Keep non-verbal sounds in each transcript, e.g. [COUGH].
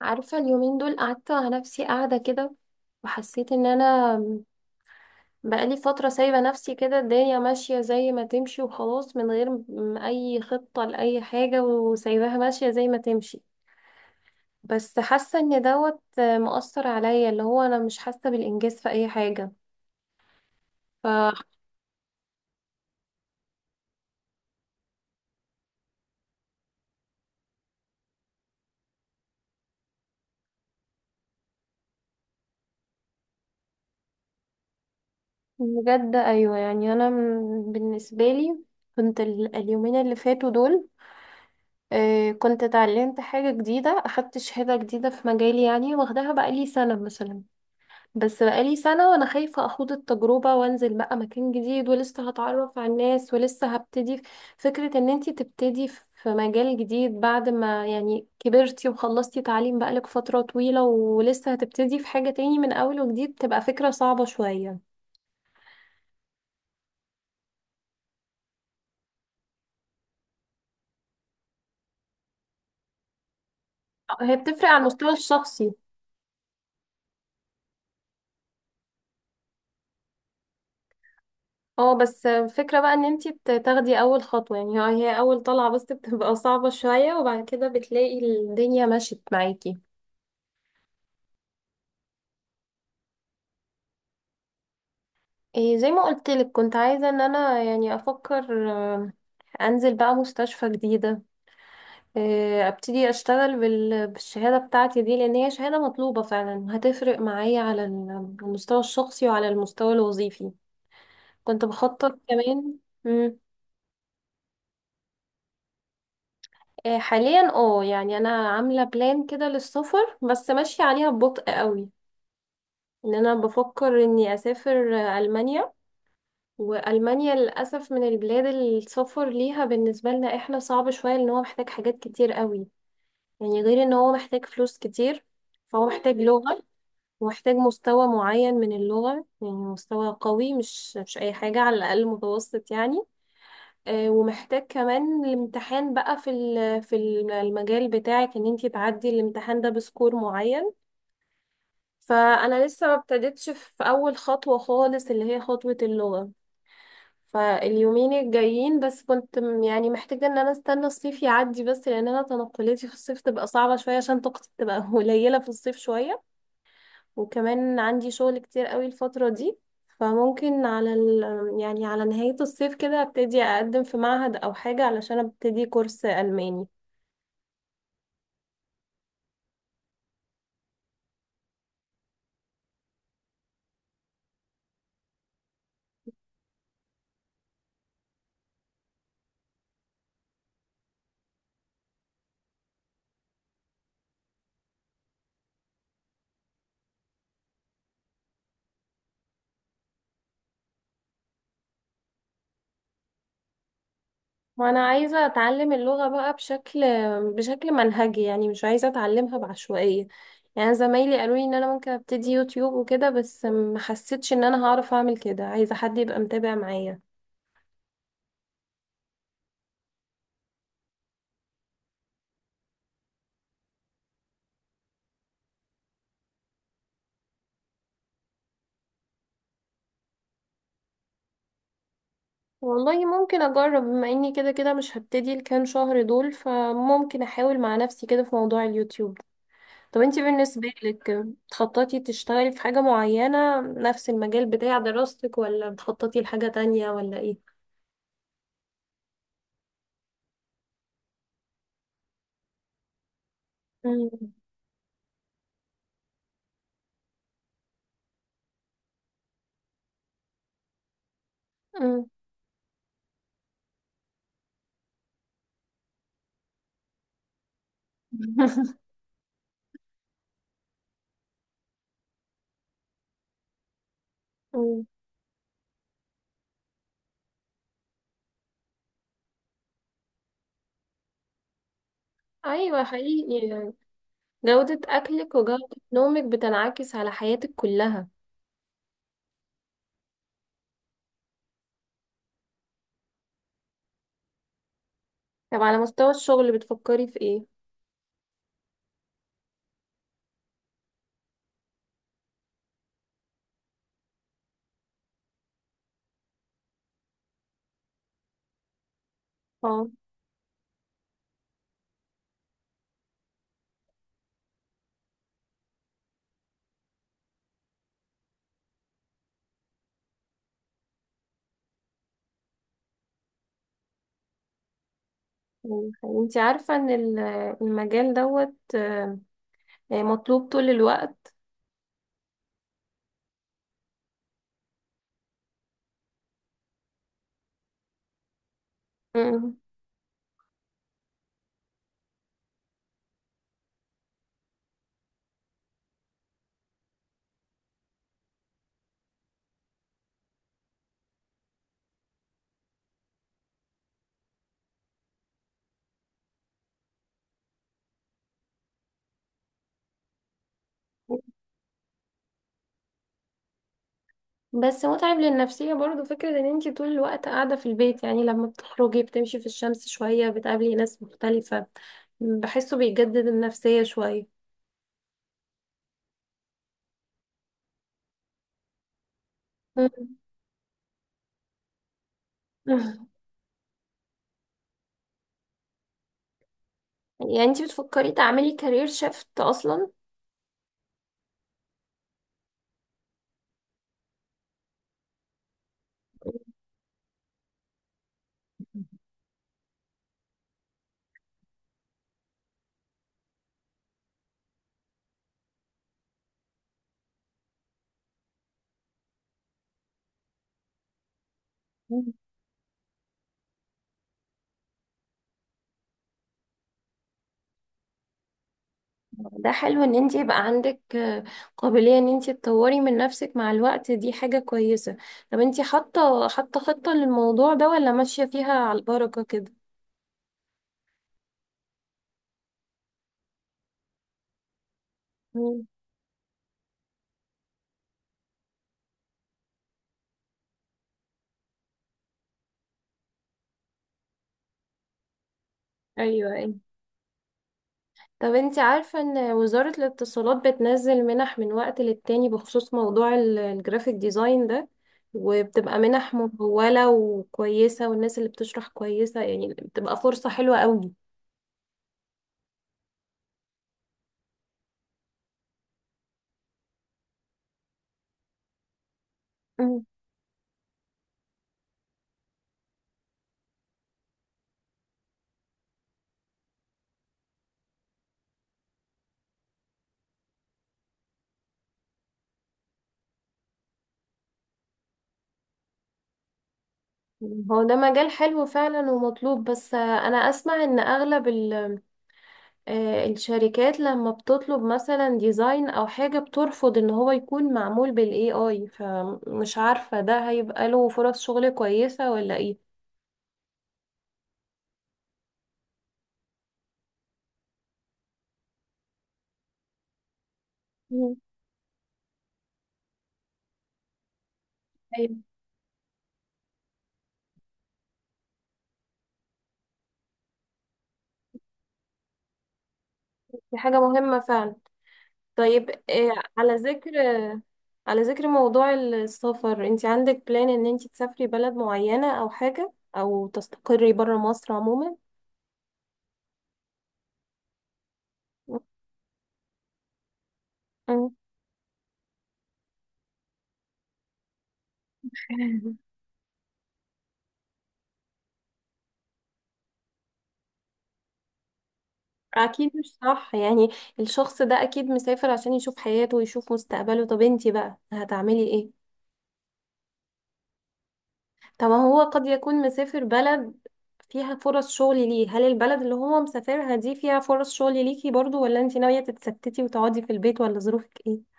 عارفة اليومين دول قعدت على نفسي قاعدة كده، وحسيت ان انا بقالي فترة سايبة نفسي كده، الدنيا ماشية زي ما تمشي وخلاص من غير اي خطة لأي حاجة وسايباها ماشية زي ما تمشي. بس حاسة ان دوت مؤثر عليا اللي هو انا مش حاسة بالانجاز في اي حاجة. ف بجد ايوه يعني انا بالنسبة لي كنت اليومين اللي فاتوا دول، كنت اتعلمت حاجة جديدة، أخدت شهادة جديدة في مجالي يعني، واخداها بقالي سنة مثلا. بس بقالي سنة وأنا خايفة أخوض التجربة وأنزل بقى مكان جديد، ولسه هتعرف على الناس ولسه هبتدي. فكرة إن أنتي تبتدي في مجال جديد بعد ما يعني كبرتي وخلصتي تعليم بقالك فترة طويلة ولسه هتبتدي في حاجة تاني من أول وجديد، تبقى فكرة صعبة شوية. هي بتفرق على المستوى الشخصي. اه، بس الفكرة بقى إن أنتي تاخدي أول خطوة، يعني هي أول طلعة بس بتبقى صعبة شوية، وبعد كده بتلاقي الدنيا مشيت معاكي. إيه، زي ما قلت لك كنت عايزة ان انا يعني افكر، انزل بقى مستشفى جديدة، ابتدي اشتغل بالشهادة بتاعتي دي، لان هي شهادة مطلوبة فعلا، هتفرق معايا على المستوى الشخصي وعلى المستوى الوظيفي. كنت بخطط كمان. مم. حاليا يعني انا عاملة بلان كده للسفر بس ماشية عليها ببطء قوي، ان انا بفكر اني اسافر المانيا. وألمانيا للأسف من البلاد اللي السفر ليها بالنسبة لنا احنا صعب شوية، لأن هو محتاج حاجات كتير قوي. يعني غير إن هو محتاج فلوس كتير، فهو محتاج لغة، ومحتاج مستوى معين من اللغة، يعني مستوى قوي، مش أي حاجة، على الأقل متوسط يعني. ومحتاج كمان الامتحان بقى في المجال بتاعك، إن انتي تعدي الامتحان ده بسكور معين. فأنا لسه ما ابتديتش في أول خطوة خالص اللي هي خطوة اللغة. فاليومين الجايين بس كنت يعني محتاجة ان انا استنى الصيف يعدي، بس لان انا تنقلاتي في الصيف تبقى صعبة شوية عشان طاقتي تبقى [LAUGHS] قليلة في الصيف شوية. وكمان عندي شغل كتير قوي الفترة دي. فممكن يعني على نهاية الصيف كده ابتدي اقدم في معهد او حاجة علشان ابتدي كورس ألماني. وانا عايزة اتعلم اللغة بقى بشكل منهجي يعني، مش عايزة اتعلمها بعشوائية. يعني زمايلي قالوا لي ان انا ممكن ابتدي يوتيوب وكده، بس ما حسيتش ان انا هعرف اعمل كده، عايزة حد يبقى متابع معايا. والله ممكن اجرب، بما اني كده كده مش هبتدي الكام شهر دول، فممكن احاول مع نفسي كده في موضوع اليوتيوب. طب انتي بالنسبة لك بتخططي تشتغلي في حاجة معينة نفس المجال بتاع دراستك، ولا بتخططي لحاجة تانية، ولا ايه؟ مم. مم. [LAUGHS] ايوه حقيقي يعني، جودة اكلك وجودة نومك بتنعكس على حياتك كلها. طب على مستوى الشغل بتفكري في ايه؟ اه يعني انت عارفة ان المجال دوت يعني مطلوب طول الوقت. أمم. بس متعب للنفسية برضو، فكرة ان انت طول الوقت قاعدة في البيت، يعني لما بتخرجي بتمشي في الشمس شوية بتقابلي ناس مختلفة، بحسه بيجدد النفسية شوية. أمم. [LAUGHS] يعني انت بتفكري تعملي كارير شيفت اصلا؟ ده حلو ان انت يبقى عندك قابلية ان انت تطوري من نفسك مع الوقت، دي حاجة كويسة. طب انت حاطة خطة للموضوع ده، ولا ماشية فيها على البركة كده؟ مم. ايوه ايوه. طب انت عارفة ان وزارة الاتصالات بتنزل منح من وقت للتاني بخصوص موضوع الجرافيك ديزاين ده، وبتبقى منح ممولة وكويسة، والناس اللي بتشرح كويسة يعني، بتبقى فرصة حلوة قوي. مم. هو ده مجال حلو فعلا ومطلوب، بس انا اسمع ان اغلب الشركات لما بتطلب مثلا ديزاين او حاجة بترفض ان هو يكون معمول بالاي اي، فمش عارفة ده هيبقى له فرص شغل كويسة ولا ايه. مم. طيب. دي حاجة مهمة فعلا. طيب، على ذكر على ذكر موضوع السفر، انت عندك بلان ان انت تسافري بلد معينة او حاجة، او تستقري برا مصر عموما؟ مم. [LAUGHS] اكيد مش صح يعني. الشخص ده اكيد مسافر عشان يشوف حياته ويشوف مستقبله، طب انتي بقى هتعملي ايه؟ طب ما هو قد يكون مسافر بلد فيها فرص شغل ليه، هل البلد اللي هو مسافرها دي فيها فرص شغل ليكي برضو، ولا انتي ناوية تتستتي وتقعدي في البيت، ولا ظروفك ايه؟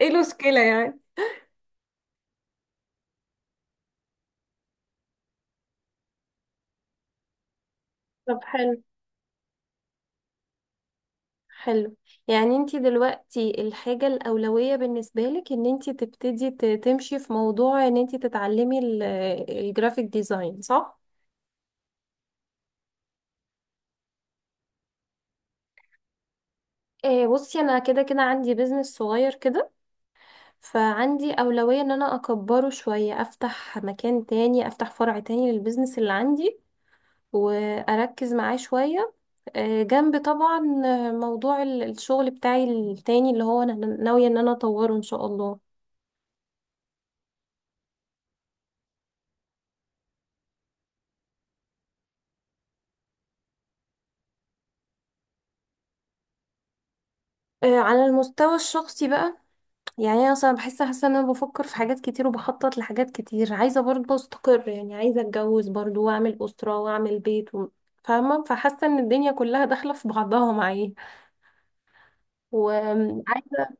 ايه المشكلة يعني؟ طب حلو. حلو. يعني انتي دلوقتي الحاجة الأولوية بالنسبة لك ان انتي تبتدي تمشي في موضوع ان انتي تتعلمي الجرافيك ديزاين، صح؟ إيه بصي انا كده كده عندي بيزنس صغير كده، فعندي اولوية ان انا اكبره شوية، افتح مكان تاني، افتح فرع تاني للبيزنس اللي عندي، واركز معاه شوية. إيه، جنب طبعا موضوع الشغل بتاعي التاني اللي هو انا ناوية ان انا اطوره ان شاء الله. إيه، على المستوى الشخصي بقى، يعني انا اصلا حاسه ان انا بفكر في حاجات كتير وبخطط لحاجات كتير، عايزه برضه استقر يعني، عايزه اتجوز برضه واعمل اسره واعمل بيت فاهمه، فحاسه ان الدنيا كلها داخله في بعضها معايا، وعايزه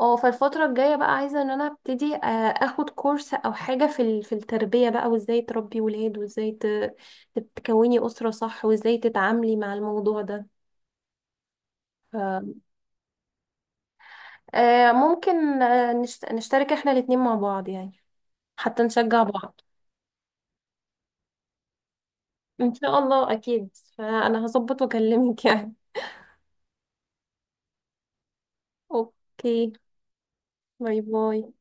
اه، فالفتره الجايه بقى عايزه ان انا ابتدي اخد كورس او حاجه في التربيه بقى، وازاي تربي ولاد، وازاي تكوني اسره صح، وازاي تتعاملي مع الموضوع ده. ممكن، نشترك احنا الاتنين مع بعض يعني، حتى نشجع بعض. ان شاء الله اكيد، فانا هظبط واكلمك يعني. اوكي. باي باي.